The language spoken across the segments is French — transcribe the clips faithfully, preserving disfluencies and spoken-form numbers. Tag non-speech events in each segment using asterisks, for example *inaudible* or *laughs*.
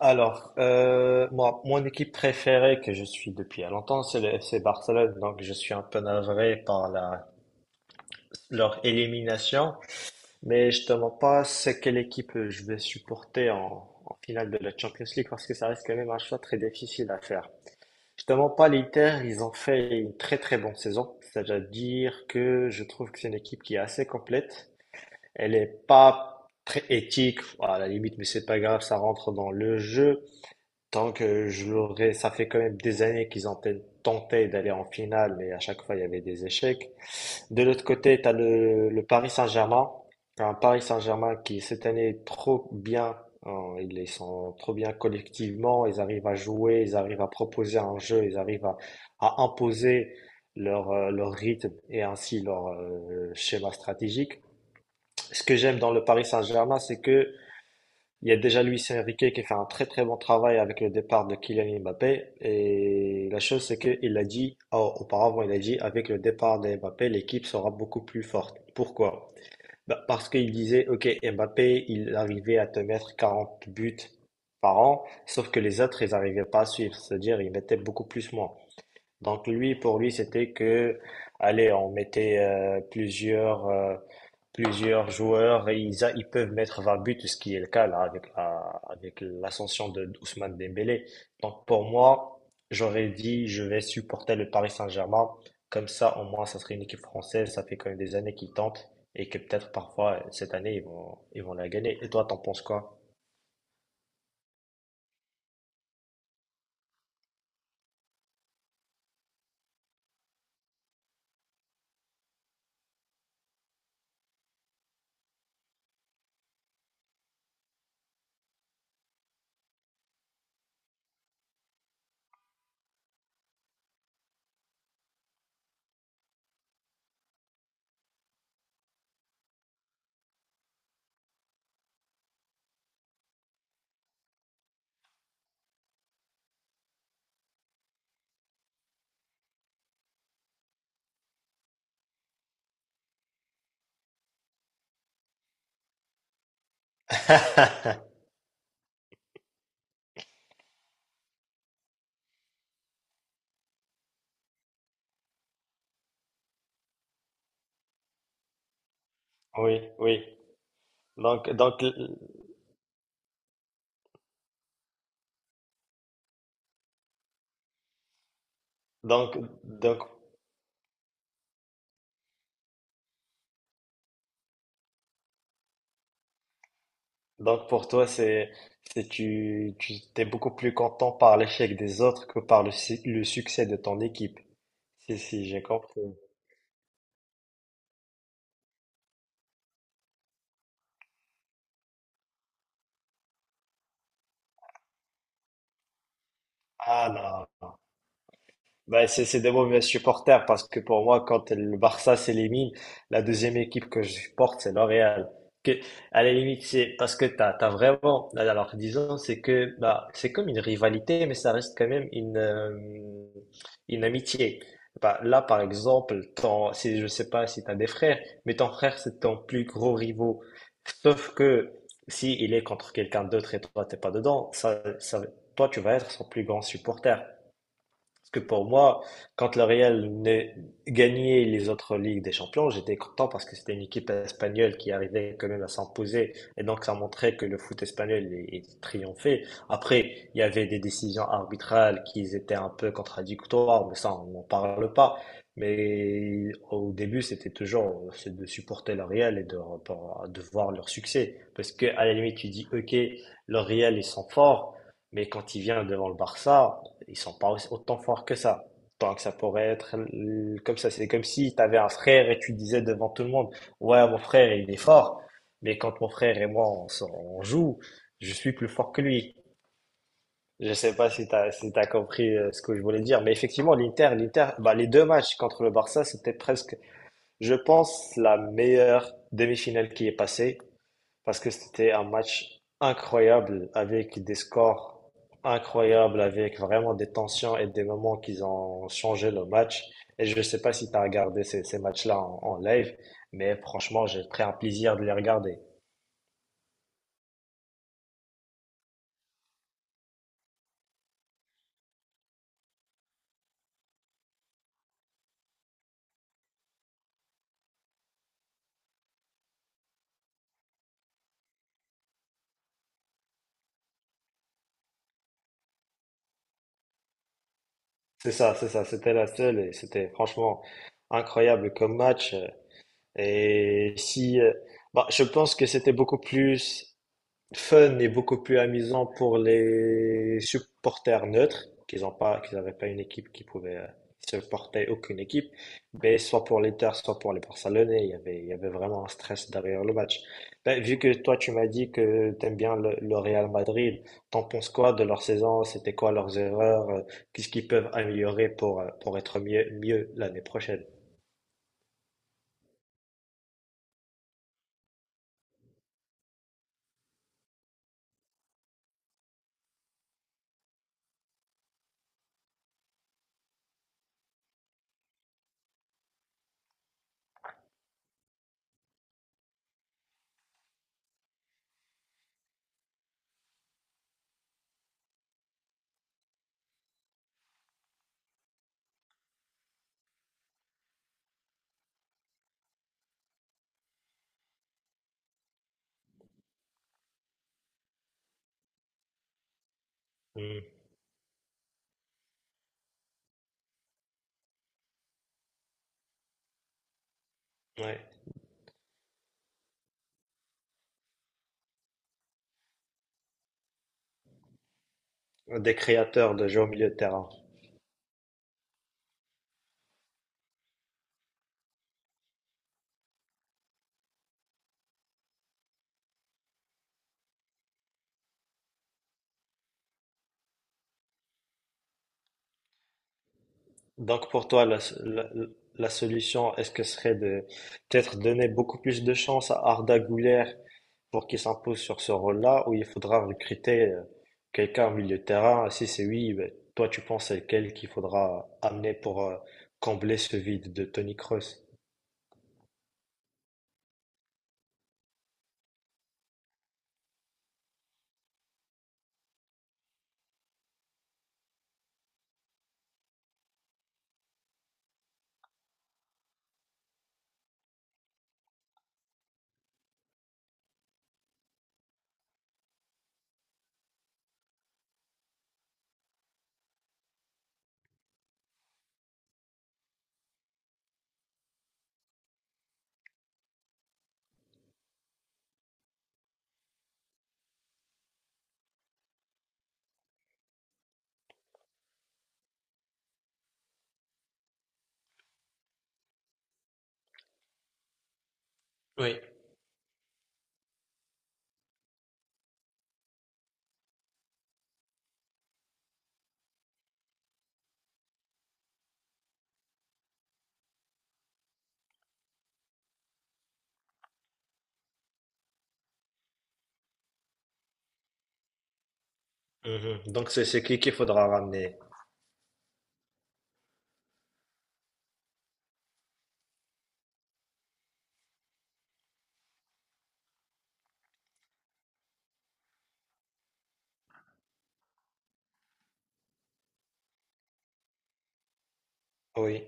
Alors, euh, moi, mon équipe préférée que je suis depuis à longtemps, c'est le F C Barcelone. Donc, je suis un peu navré par la, leur élimination. Mais je te mens pas, c'est quelle équipe euh, je vais supporter en, en finale de la Champions League parce que ça reste quand même un choix très difficile à faire. Je te mens pas, l'Inter, ils ont fait une très très bonne saison. C'est-à-dire que je trouve que c'est une équipe qui est assez complète. Elle est pas très éthique, à la limite, mais c'est pas grave, ça rentre dans le jeu. Tant que je l'aurais, ça fait quand même des années qu'ils ont tel- tenté d'aller en finale, mais à chaque fois il y avait des échecs. De l'autre côté, tu as le, le Paris Saint-Germain, un Paris Saint-Germain qui cette année est trop bien, hein, ils sont trop bien collectivement, ils arrivent à jouer, ils arrivent à proposer un jeu, ils arrivent à, à imposer leur, euh, leur rythme et ainsi leur euh, schéma stratégique. Ce que j'aime dans le Paris Saint-Germain, c'est que il y a déjà Luis Enrique qui fait un très très bon travail avec le départ de Kylian Mbappé. Et la chose, c'est qu'il a dit, a- auparavant, il a dit, avec le départ de Mbappé, l'équipe sera beaucoup plus forte. Pourquoi? Bah, parce qu'il disait, OK, Mbappé, il arrivait à te mettre quarante buts par an, sauf que les autres, ils n'arrivaient pas à suivre. C'est-à-dire, ils mettaient beaucoup plus moins. Donc lui, pour lui, c'était que, allez, on mettait euh, plusieurs, euh, plusieurs joueurs et ils, a- ils peuvent mettre vingt buts, ce qui est le cas là avec la- avec l'ascension de Ousmane Dembélé. Donc pour moi, j'aurais dit, je vais supporter le Paris Saint-Germain. Comme ça, au moins, ça serait une équipe française. Ça fait quand même des années qu'ils tentent et que peut-être parfois cette année ils vont, ils vont la gagner. Et toi, t'en penses quoi? *laughs* Oui, oui. Donc, donc, donc, donc, Donc pour toi, c'est, c'est tu, tu t'es beaucoup plus content par l'échec des autres que par le, si le succès de ton équipe. Si, si, j'ai compris. Ah non. Bah, c'est c'est des mauvais supporters parce que pour moi, quand le Barça s'élimine, la deuxième équipe que je supporte, c'est l'Oréal. Que, à la limite, c'est parce que t'as, t'as vraiment, alors disons, c'est que, bah, c'est comme une rivalité, mais ça reste quand même une, euh, une amitié. Bah, là, par exemple, ton, si, je sais pas si t'as des frères, mais ton frère, c'est ton plus gros rivaux. Sauf que si il est contre quelqu'un d'autre et toi, t'es pas dedans, ça, ça, toi, tu vas être son plus grand supporter. Parce que pour moi, quand le Real venait gagner les autres Ligues des Champions, j'étais content parce que c'était une équipe espagnole qui arrivait quand même à s'imposer. Et donc, ça montrait que le foot espagnol est, est triomphé. Après, il y avait des décisions arbitrales qui étaient un peu contradictoires, mais ça, on n'en parle pas. Mais au début, c'était toujours euh, c'est de supporter le Real et de, pour- De voir leur succès. Parce que, à la limite, tu dis, OK, le Real, ils sont forts, mais quand il vient devant le Barça, ils sont pas aussi- autant forts que ça. Tant que ça pourrait être l- comme ça. C'est comme si tu avais un frère et tu disais devant tout le monde, ouais, mon frère, il est fort. Mais quand mon frère et moi, on, s'en- on joue, je suis plus fort que lui. Je sais pas si t'as, si t'as compris euh, ce que je voulais dire. Mais effectivement, l'Inter, l'Inter, bah, les deux matchs contre le Barça, c'était presque, je pense, la meilleure demi-finale qui est passée parce que c'était un match incroyable avec des scores incroyables, avec vraiment des tensions et des moments qui ont changé le match. Et je ne sais pas si tu as regardé ces, ces matchs-là en, en live, mais franchement, j'ai pris un plaisir de les regarder. C'est ça, c'est ça, c'était la seule et c'était franchement incroyable comme match. Et si, euh, bah, je pense que c'était beaucoup plus fun et beaucoup plus amusant pour les supporters neutres, qu'ils ont pas, qu'ils n'avaient pas une équipe qui pouvait euh, supporter aucune équipe, mais soit pour l'Inter, soit pour les Barcelonais, il y avait, il y avait vraiment un stress derrière le match. Ben, vu que toi, tu m'as dit que t'aimes bien le, le Real Madrid, t'en penses quoi de leur saison? C'était quoi leurs erreurs? euh, Qu'est-ce qu'ils peuvent améliorer pour, euh, pour être mieux, mieux l'année prochaine? Hmm, ouais. Des créateurs de jeux au milieu de terrain. Donc pour toi, la, la- la solution, est-ce que ce serait de peut-être donner beaucoup plus de chance à Arda Güler pour qu'il s'impose sur ce rôle-là, ou il faudra recruter euh, quelqu'un au milieu de terrain? Si c'est oui, ben, toi tu penses à quel qu'il faudra amener pour euh, combler ce vide de Tony Kroos? Oui. Mhm. Donc c'est c'est qui qu'il faudra ramener? Oui,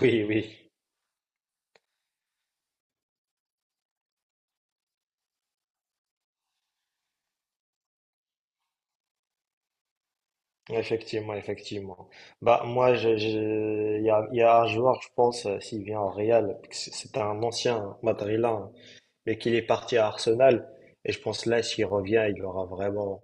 oui, oui. Effectivement, effectivement. Bah, moi, j'ai- j'ai- il y a, il y a un joueur, je pense, euh, s'il vient au Real, c'est c'est un ancien madrilène, hein, mais qu'il est parti à Arsenal. Et je pense là, s'il revient, il aura vraiment,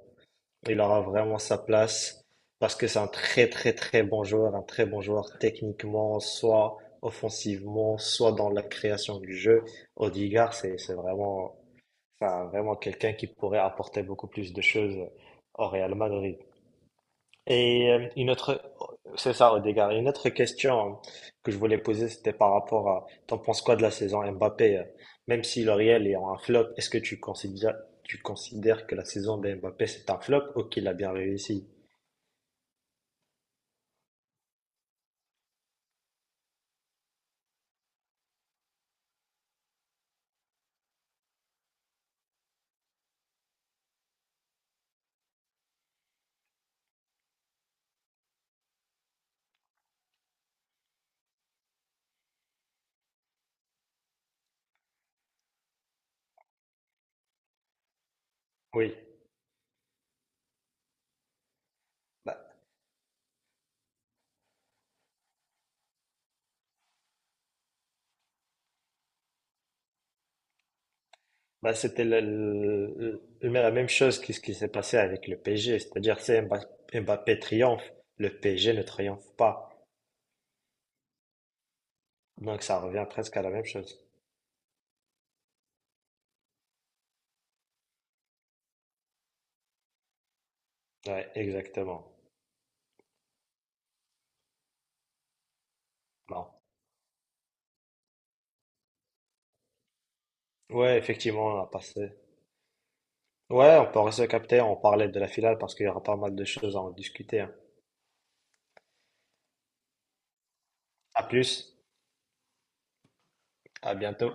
il aura vraiment sa place. Parce que c'est un très, très, très bon joueur, un très bon joueur techniquement, soit offensivement, soit dans la création du jeu. Odegaard, c'est, c'est vraiment, enfin, vraiment quelqu'un qui pourrait apporter beaucoup plus de choses au Real Madrid. Et euh, une autre, c'est ça, Odegaard. Une autre question euh, que je voulais poser, c'était par rapport à, t'en penses quoi de la saison Mbappé? euh, Même si le Real est en un flop, est-ce que tu considères, tu considères que la saison de Mbappé c'est un flop ou qu'il a bien réussi? Oui. Bah, bah, c'était le- le- le- la même chose que ce qui s'est passé avec le P S G, c'est-à-dire c'est Mba- Mbappé triomphe, le P S G ne triomphe pas. Donc ça revient presque à la même chose. Ouais, exactement. Non. Ouais, effectivement, on a passé. Ouais, on peut rester capter. On parlait de la finale parce qu'il y aura pas mal de choses à en discuter, hein. À plus, à bientôt.